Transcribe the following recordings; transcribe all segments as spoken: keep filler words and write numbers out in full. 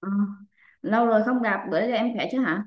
Ờ, Lâu rồi không gặp, bữa giờ em khỏe chứ hả?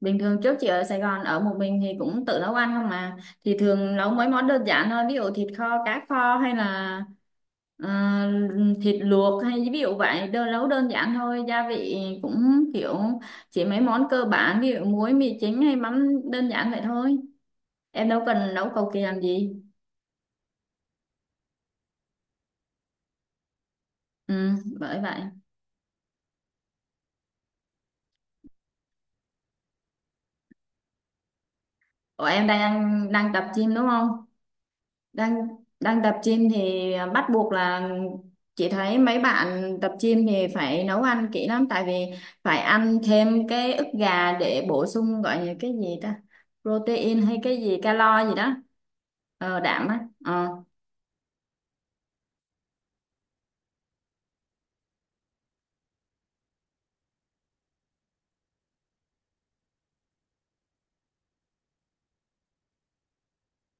Bình thường trước chị ở Sài Gòn ở một mình thì cũng tự nấu ăn không mà. Thì thường nấu mấy món đơn giản thôi, ví dụ thịt kho, cá kho hay là ờ, thịt luộc hay ví dụ vậy, đơn nấu đơn giản thôi, gia vị cũng kiểu chỉ mấy món cơ bản, ví dụ muối, mì chính hay mắm đơn giản vậy thôi. Em đâu cần nấu cầu kỳ làm gì. Ừ, bởi vậy. Ủa em đang đang tập gym đúng không? Đang đang tập gym thì bắt buộc là chị thấy mấy bạn tập gym thì phải nấu ăn kỹ lắm, tại vì phải ăn thêm cái ức gà để bổ sung, gọi là cái gì ta, protein hay cái gì calo gì đó. Ờ, đạm á. Ờ,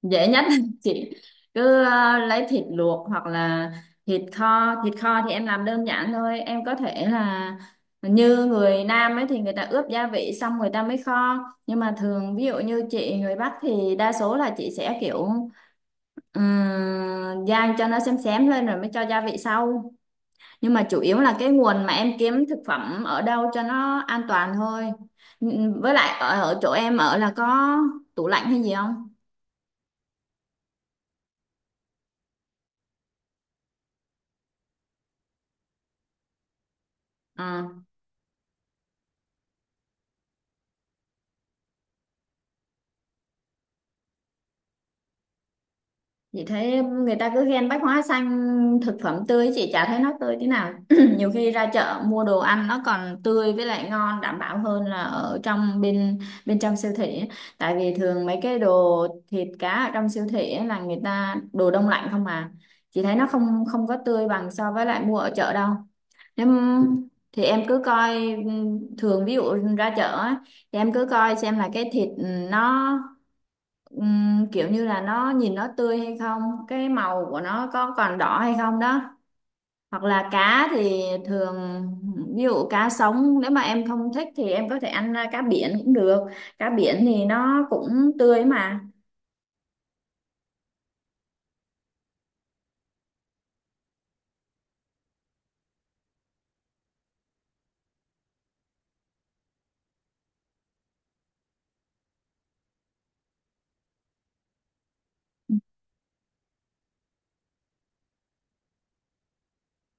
dễ nhất chị cứ ờ, lấy thịt luộc hoặc là thịt kho. Thịt kho thì em làm đơn giản thôi. Em có thể là như người Nam ấy, thì người ta ướp gia vị xong người ta mới kho, nhưng mà thường ví dụ như chị người Bắc thì đa số là chị sẽ kiểu ừm, rang cho nó xém xém lên rồi mới cho gia vị sau. Nhưng mà chủ yếu là cái nguồn mà em kiếm thực phẩm ở đâu cho nó an toàn thôi. Ừm, với lại ở, ở chỗ em ở là có tủ lạnh hay gì không? Chị thấy người ta cứ khen bách hóa xanh thực phẩm tươi, chị chả thấy nó tươi tí nào. Nhiều khi ra chợ mua đồ ăn nó còn tươi với lại ngon đảm bảo hơn là ở trong bên bên trong siêu thị á. Tại vì thường mấy cái đồ thịt cá ở trong siêu thị á là người ta đồ đông lạnh không mà, chị thấy nó không không có tươi bằng so với lại mua ở chợ đâu. Nếu thì em cứ coi, ừ, thường ví dụ ra chợ á, thì em cứ coi xem là cái thịt nó Ừm, kiểu như là nó nhìn nó tươi hay không, cái màu của nó có còn đỏ hay không đó. Hoặc là cá thì thường ví dụ cá sống, nếu mà em không thích thì em có thể ăn à, cá biển cũng được, cá biển thì nó cũng tươi mà.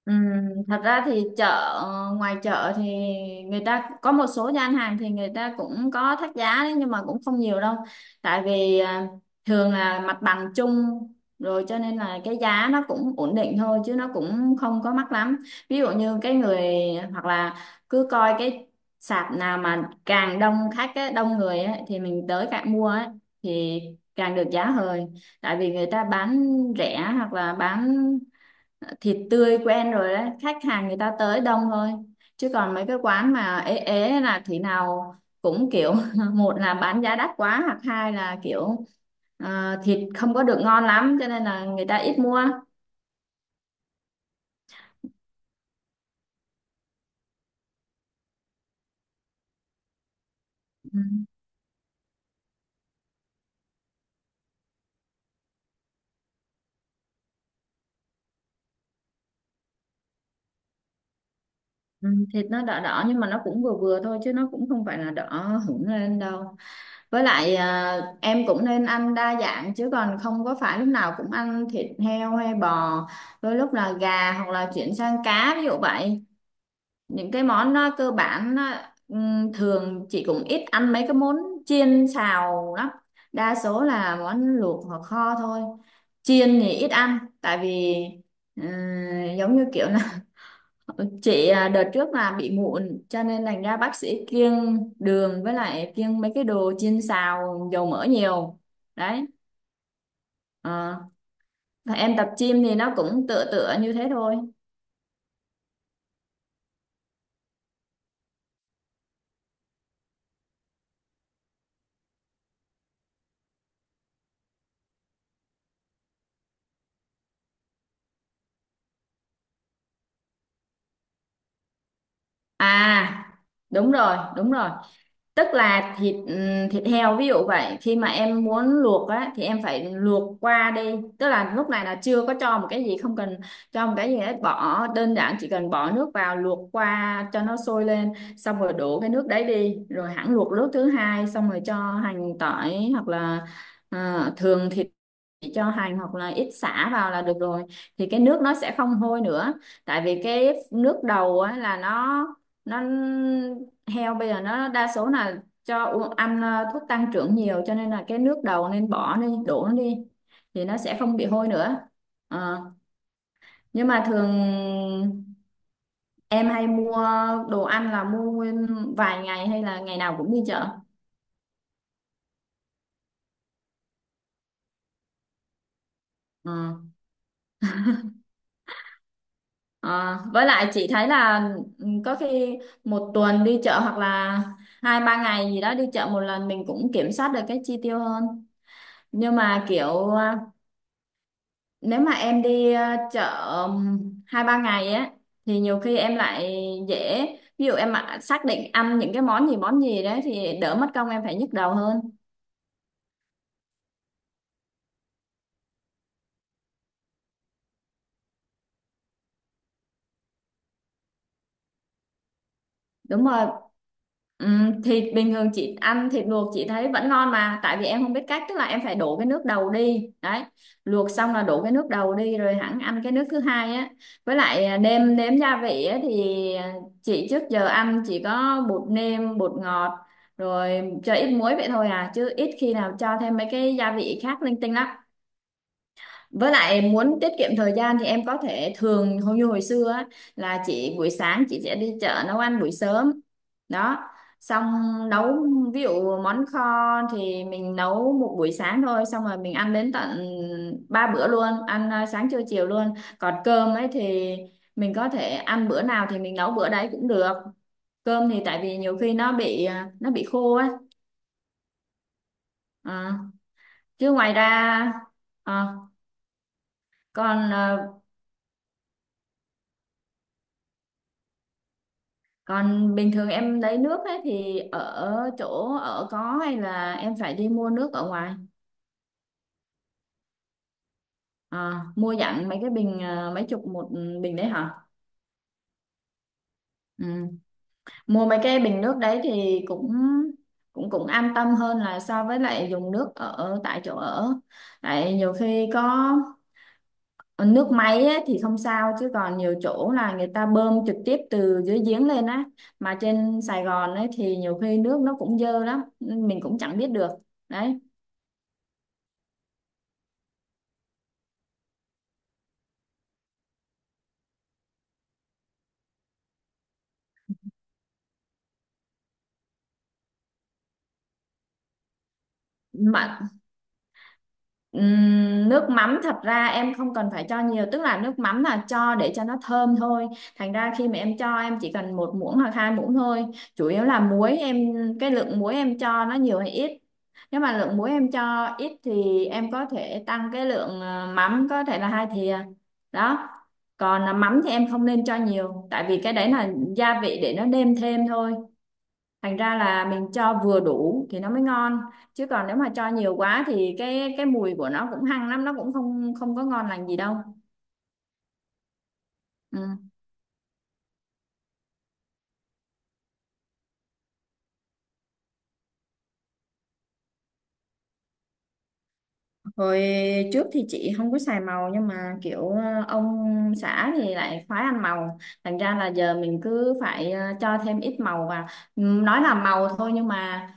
Ừm, Thật ra thì chợ, ngoài chợ thì người ta có một số gian hàng thì người ta cũng có thắt giá đấy, nhưng mà cũng không nhiều đâu. Tại vì à, thường là mặt bằng chung rồi, cho nên là cái giá nó cũng ổn định thôi chứ nó cũng không có mắc lắm. Ví dụ như cái người hoặc là cứ coi cái sạp nào mà càng đông khách ấy, đông người ấy, thì mình tới càng mua ấy, thì càng được giá hời. Tại vì người ta bán rẻ hoặc là bán thịt tươi quen rồi đấy, khách hàng người ta tới đông thôi. Chứ còn mấy cái quán mà ế ế là thế nào cũng kiểu một là bán giá đắt quá, hoặc hai là kiểu ờ, thịt không có được ngon lắm cho nên là người ta ít mua. Ừ. Ừ, thịt nó đỏ đỏ nhưng mà nó cũng vừa vừa thôi chứ nó cũng không phải là đỏ hửng lên đâu. Với lại ờ, em cũng nên ăn đa dạng chứ còn không có phải lúc nào cũng ăn thịt heo hay bò, đôi lúc là gà hoặc là chuyển sang cá ví dụ vậy. Những cái món ờ, cơ bản, ờ, ừm, thường chị cũng ít ăn mấy cái món chiên xào lắm, đa số là món luộc hoặc kho thôi. Chiên thì ít ăn tại vì ờ, giống như kiểu là chị ờ, đợt trước là bị mụn cho nên thành ra bác sĩ kiêng đường với lại kiêng mấy cái đồ chiên xào dầu mỡ nhiều đấy. Ờ, và em tập gym thì nó cũng tựa tựa như thế thôi. À, đúng rồi đúng rồi, tức là thịt ừm, thịt heo ví dụ vậy, khi mà em muốn luộc á thì em phải luộc qua đi. Tức là lúc này là chưa có cho một cái gì không cần cho một cái gì hết, bỏ đơn giản chỉ cần bỏ nước vào luộc qua cho nó sôi lên, xong rồi đổ cái nước đấy đi rồi hẳn luộc nước thứ hai, xong rồi cho hành tỏi hoặc là ờ, thường thì chỉ cho hành hoặc là ít sả vào là được rồi, thì cái nước nó sẽ không hôi nữa. Tại vì cái nước đầu á, là nó nó heo bây giờ nó đa số là cho u- ăn ờ, thuốc tăng trưởng nhiều cho nên là cái nước đầu nên bỏ đi, đổ nó đi thì nó sẽ không bị hôi nữa. Ờ, nhưng mà thường em hay mua đồ ăn là mua nguyên vài ngày hay là ngày nào cũng đi chợ? Ờ. Ờ, với lại chị thấy là ừ, có khi một tuần đi chợ hoặc là hai ba ngày gì đó đi chợ một lần mình cũng kiểm soát được cái chi tiêu hơn. Nhưng mà kiểu à, nếu mà em đi à, chợ ừm, hai ba ngày á thì nhiều khi em lại dễ, ví dụ em mà xác định ăn những cái món gì món gì đấy thì đỡ mất công em phải nhức đầu hơn. Đúng rồi. Ừ, thịt bình thường chị ăn thịt luộc chị thấy vẫn ngon mà, tại vì em không biết cách, tức là em phải đổ cái nước đầu đi đấy, luộc xong là đổ cái nước đầu đi rồi hẳn ăn cái nước thứ hai á. Với lại à, nêm nếm gia vị á thì à, chị trước giờ ăn chỉ có bột nêm bột ngọt rồi cho ít muối vậy thôi à, chứ ít khi nào cho thêm mấy cái gia vị khác linh tinh lắm. Với lại muốn tiết kiệm thời gian thì em có thể thường hầu như hồi xưa á, là chị buổi sáng chị sẽ đi chợ nấu ăn buổi sớm đó, xong nấu ví dụ món kho thì mình nấu một buổi sáng thôi xong rồi mình ăn đến tận ba bữa luôn, ăn à, sáng trưa chiều luôn. Còn cơm ấy thì mình có thể ăn bữa nào thì mình nấu bữa đấy cũng được, cơm thì tại vì nhiều khi nó bị à, nó bị khô á. Ờ. Chứ ngoài ra ờ, còn ờ, còn bình thường em lấy nước ấy thì ở chỗ ở có, hay là em phải đi mua nước ở ngoài? À, mua dặn mấy cái bình, à, mấy chục một bình đấy hả? Ừ. Mua mấy cái bình nước đấy thì cũng cũng cũng an tâm hơn là so với lại dùng nước ở tại chỗ ở. Tại nhiều khi có nước máy ấy, thì không sao, chứ còn nhiều chỗ là người ta bơm trực tiếp từ dưới giếng lên á, mà trên Sài Gòn ấy thì nhiều khi nước nó cũng dơ lắm mình cũng chẳng biết được đấy mà. Ừm, nước mắm thật ra em không cần phải cho nhiều, tức là nước mắm là cho để cho nó thơm thôi, thành ra khi mà em cho em chỉ cần một muỗng hoặc hai muỗng thôi. Chủ yếu là muối em, cái lượng muối em cho nó nhiều hay ít. Nếu mà lượng muối em cho ít thì em có thể tăng cái lượng ờ, mắm có thể là hai thìa đó. Còn là mắm thì em không nên cho nhiều, tại vì cái đấy là gia vị để nó nêm thêm thôi, thành ra là mình cho vừa đủ thì nó mới ngon. Chứ còn nếu mà cho nhiều quá thì cái cái mùi của nó cũng hăng lắm, nó cũng không không có ngon lành gì đâu. Ừ. Hồi trước thì chị không có xài màu, nhưng mà kiểu ờ, ông xã thì lại khoái ăn màu. Thành ra là giờ mình cứ phải ờ, cho thêm ít màu vào. Ừm, Nói là màu thôi nhưng mà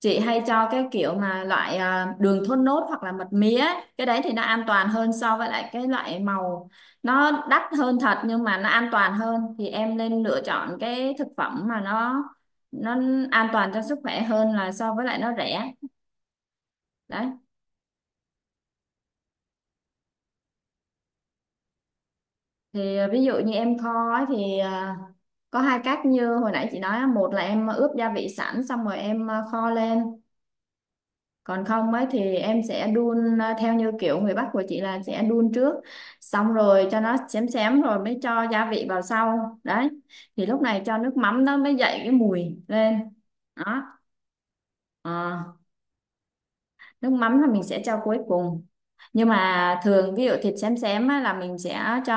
chị hay cho cái kiểu mà loại ờ, đường thốt nốt hoặc là mật mía ấy. Cái đấy thì nó an toàn hơn so với lại cái loại màu, nó đắt hơn thật nhưng mà nó an toàn hơn. Thì em nên lựa chọn cái thực phẩm mà nó nó an toàn cho sức khỏe hơn là so với lại nó rẻ. Đấy thì à, ví dụ như em kho ấy thì à, có hai cách như hồi nãy chị nói á, một là em ướp gia vị sẵn xong rồi em à, kho lên. Còn không ấy thì em sẽ đun à, theo như kiểu người Bắc của chị là sẽ đun trước, xong rồi cho nó xém xém rồi mới cho gia vị vào sau. Đấy thì lúc này cho nước mắm nó mới dậy cái mùi lên đó. Ờ. Nước mắm là mình sẽ cho cuối cùng, nhưng mà thường ví dụ thịt xém xém á, là mình sẽ cho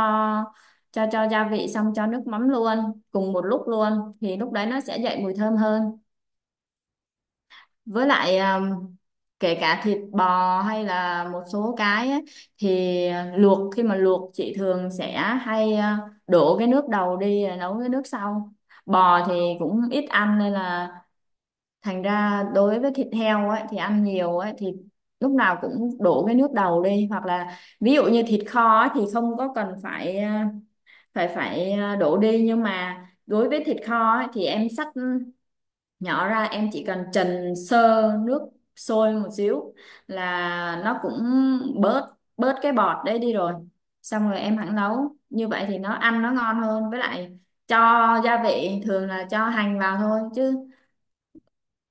cho cho gia vị xong cho nước mắm luôn cùng một lúc luôn, thì lúc đấy nó sẽ dậy mùi thơm hơn. Với lại um, kể cả thịt bò hay là một số cái ấy, thì luộc, khi mà luộc chị thường sẽ hay uh, đổ cái nước đầu đi rồi nấu cái nước sau. Bò thì cũng ít ăn nên là thành ra đối với thịt heo ấy thì ăn nhiều ấy thì lúc nào cũng đổ cái nước đầu đi. Hoặc là ví dụ như thịt kho ấy, thì không có cần phải à, phải phải à, đổ đi. Nhưng mà đối với thịt kho ấy, thì em xắt nhỏ ra, em chỉ cần trần sơ nước sôi một xíu là nó cũng bớt bớt cái bọt đấy đi rồi. Xong rồi em hẳn nấu như vậy thì nó ăn nó ngon hơn. Với lại cho gia vị thường là cho hành vào thôi chứ,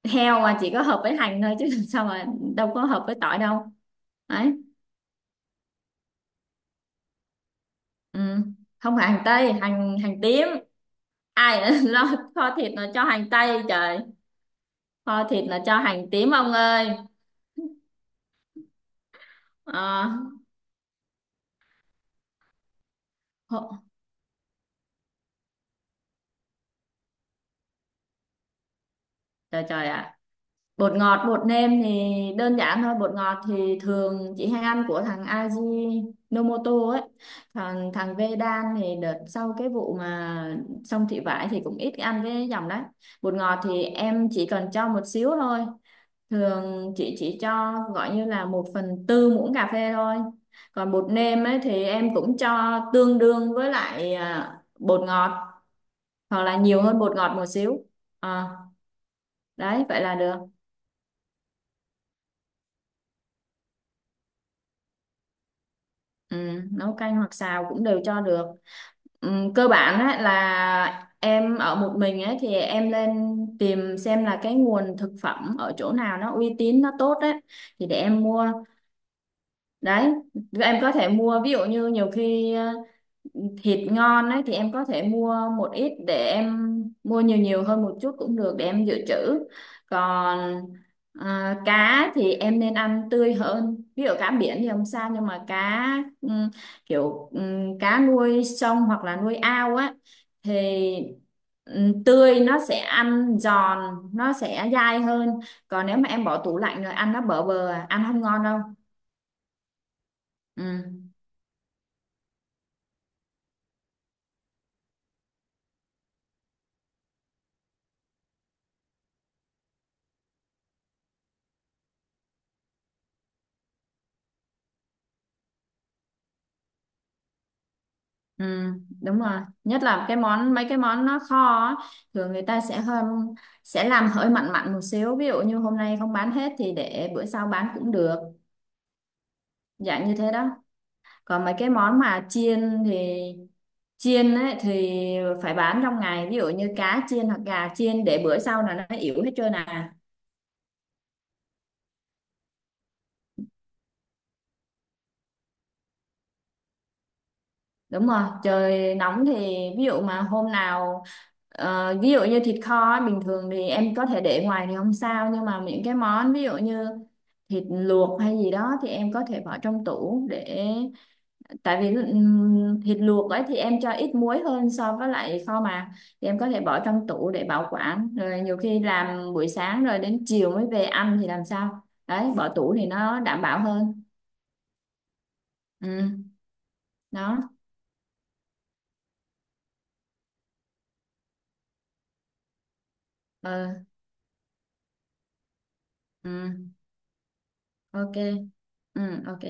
heo mà chỉ có hợp với hành thôi chứ làm sao mà đâu có hợp với tỏi đâu. Đấy. Ừ. Không phải hành tây, hành hành tím. Ai ở lo kho thịt mà cho hành tây, trời. Kho thịt là cho hành tím, ông ơi. Ờ, hộ- trời trời ạ. Bột ngọt, bột nêm thì đơn giản thôi. Bột ngọt thì thường chị hay ăn của thằng Aji Nomoto ấy. Thằng thằng Vedan thì đợt sau cái vụ mà xong thị vải thì cũng ít ăn cái dòng đấy. Bột ngọt thì em chỉ cần cho một xíu thôi, thường chị chỉ cho gọi như là một phần tư muỗng cà phê thôi. Còn bột nêm ấy thì em cũng cho tương đương với lại à, bột ngọt, hoặc là nhiều hơn bột ngọt một xíu. Ờ, đấy vậy là được. Ừ, nấu canh hoặc xào cũng đều cho được. Ừ, cơ bản ấy là em ở một mình ấy thì em lên tìm xem là cái nguồn thực phẩm ở chỗ nào nó uy tín, nó tốt ấy, thì để em mua. Đấy, em có thể mua, ví dụ như nhiều khi à, thịt ngon ấy thì em có thể mua một ít để em mua nhiều nhiều hơn một chút cũng được để em dự trữ. Còn à, cá thì em nên ăn tươi hơn. Ví dụ cá biển thì không sao, nhưng mà cá ừm, kiểu ừm, cá nuôi sông hoặc là nuôi ao á, thì ừm, tươi nó sẽ ăn giòn, nó sẽ dai hơn. Còn nếu mà em bỏ tủ lạnh rồi ăn nó bở bờ à, ăn không ngon đâu. Ừ. Ừ, đúng rồi, nhất là cái món, mấy cái món nó kho á, thường người ta sẽ hơn, sẽ làm hơi mặn mặn một xíu, ví dụ như hôm nay không bán hết thì để bữa sau bán cũng được, dạng như thế đó. Còn mấy cái món mà chiên thì chiên ấy, thì phải bán trong ngày, ví dụ như cá chiên hoặc gà chiên để bữa sau là nó yếu hết trơn à. Đúng rồi, trời nóng thì ví dụ mà hôm nào ờ, ví dụ như thịt kho ấy, bình thường thì em có thể để ngoài thì không sao, nhưng mà những cái món ví dụ như thịt luộc hay gì đó thì em có thể bỏ trong tủ để, tại vì ừm, thịt luộc ấy thì em cho ít muối hơn so với lại kho mà, thì em có thể bỏ trong tủ để bảo quản, rồi nhiều khi làm buổi sáng rồi đến chiều mới về ăn thì làm sao đấy bỏ tủ thì nó đảm bảo hơn. Ừ. Đó. Ừ, ừ, ok. Ừ, ok.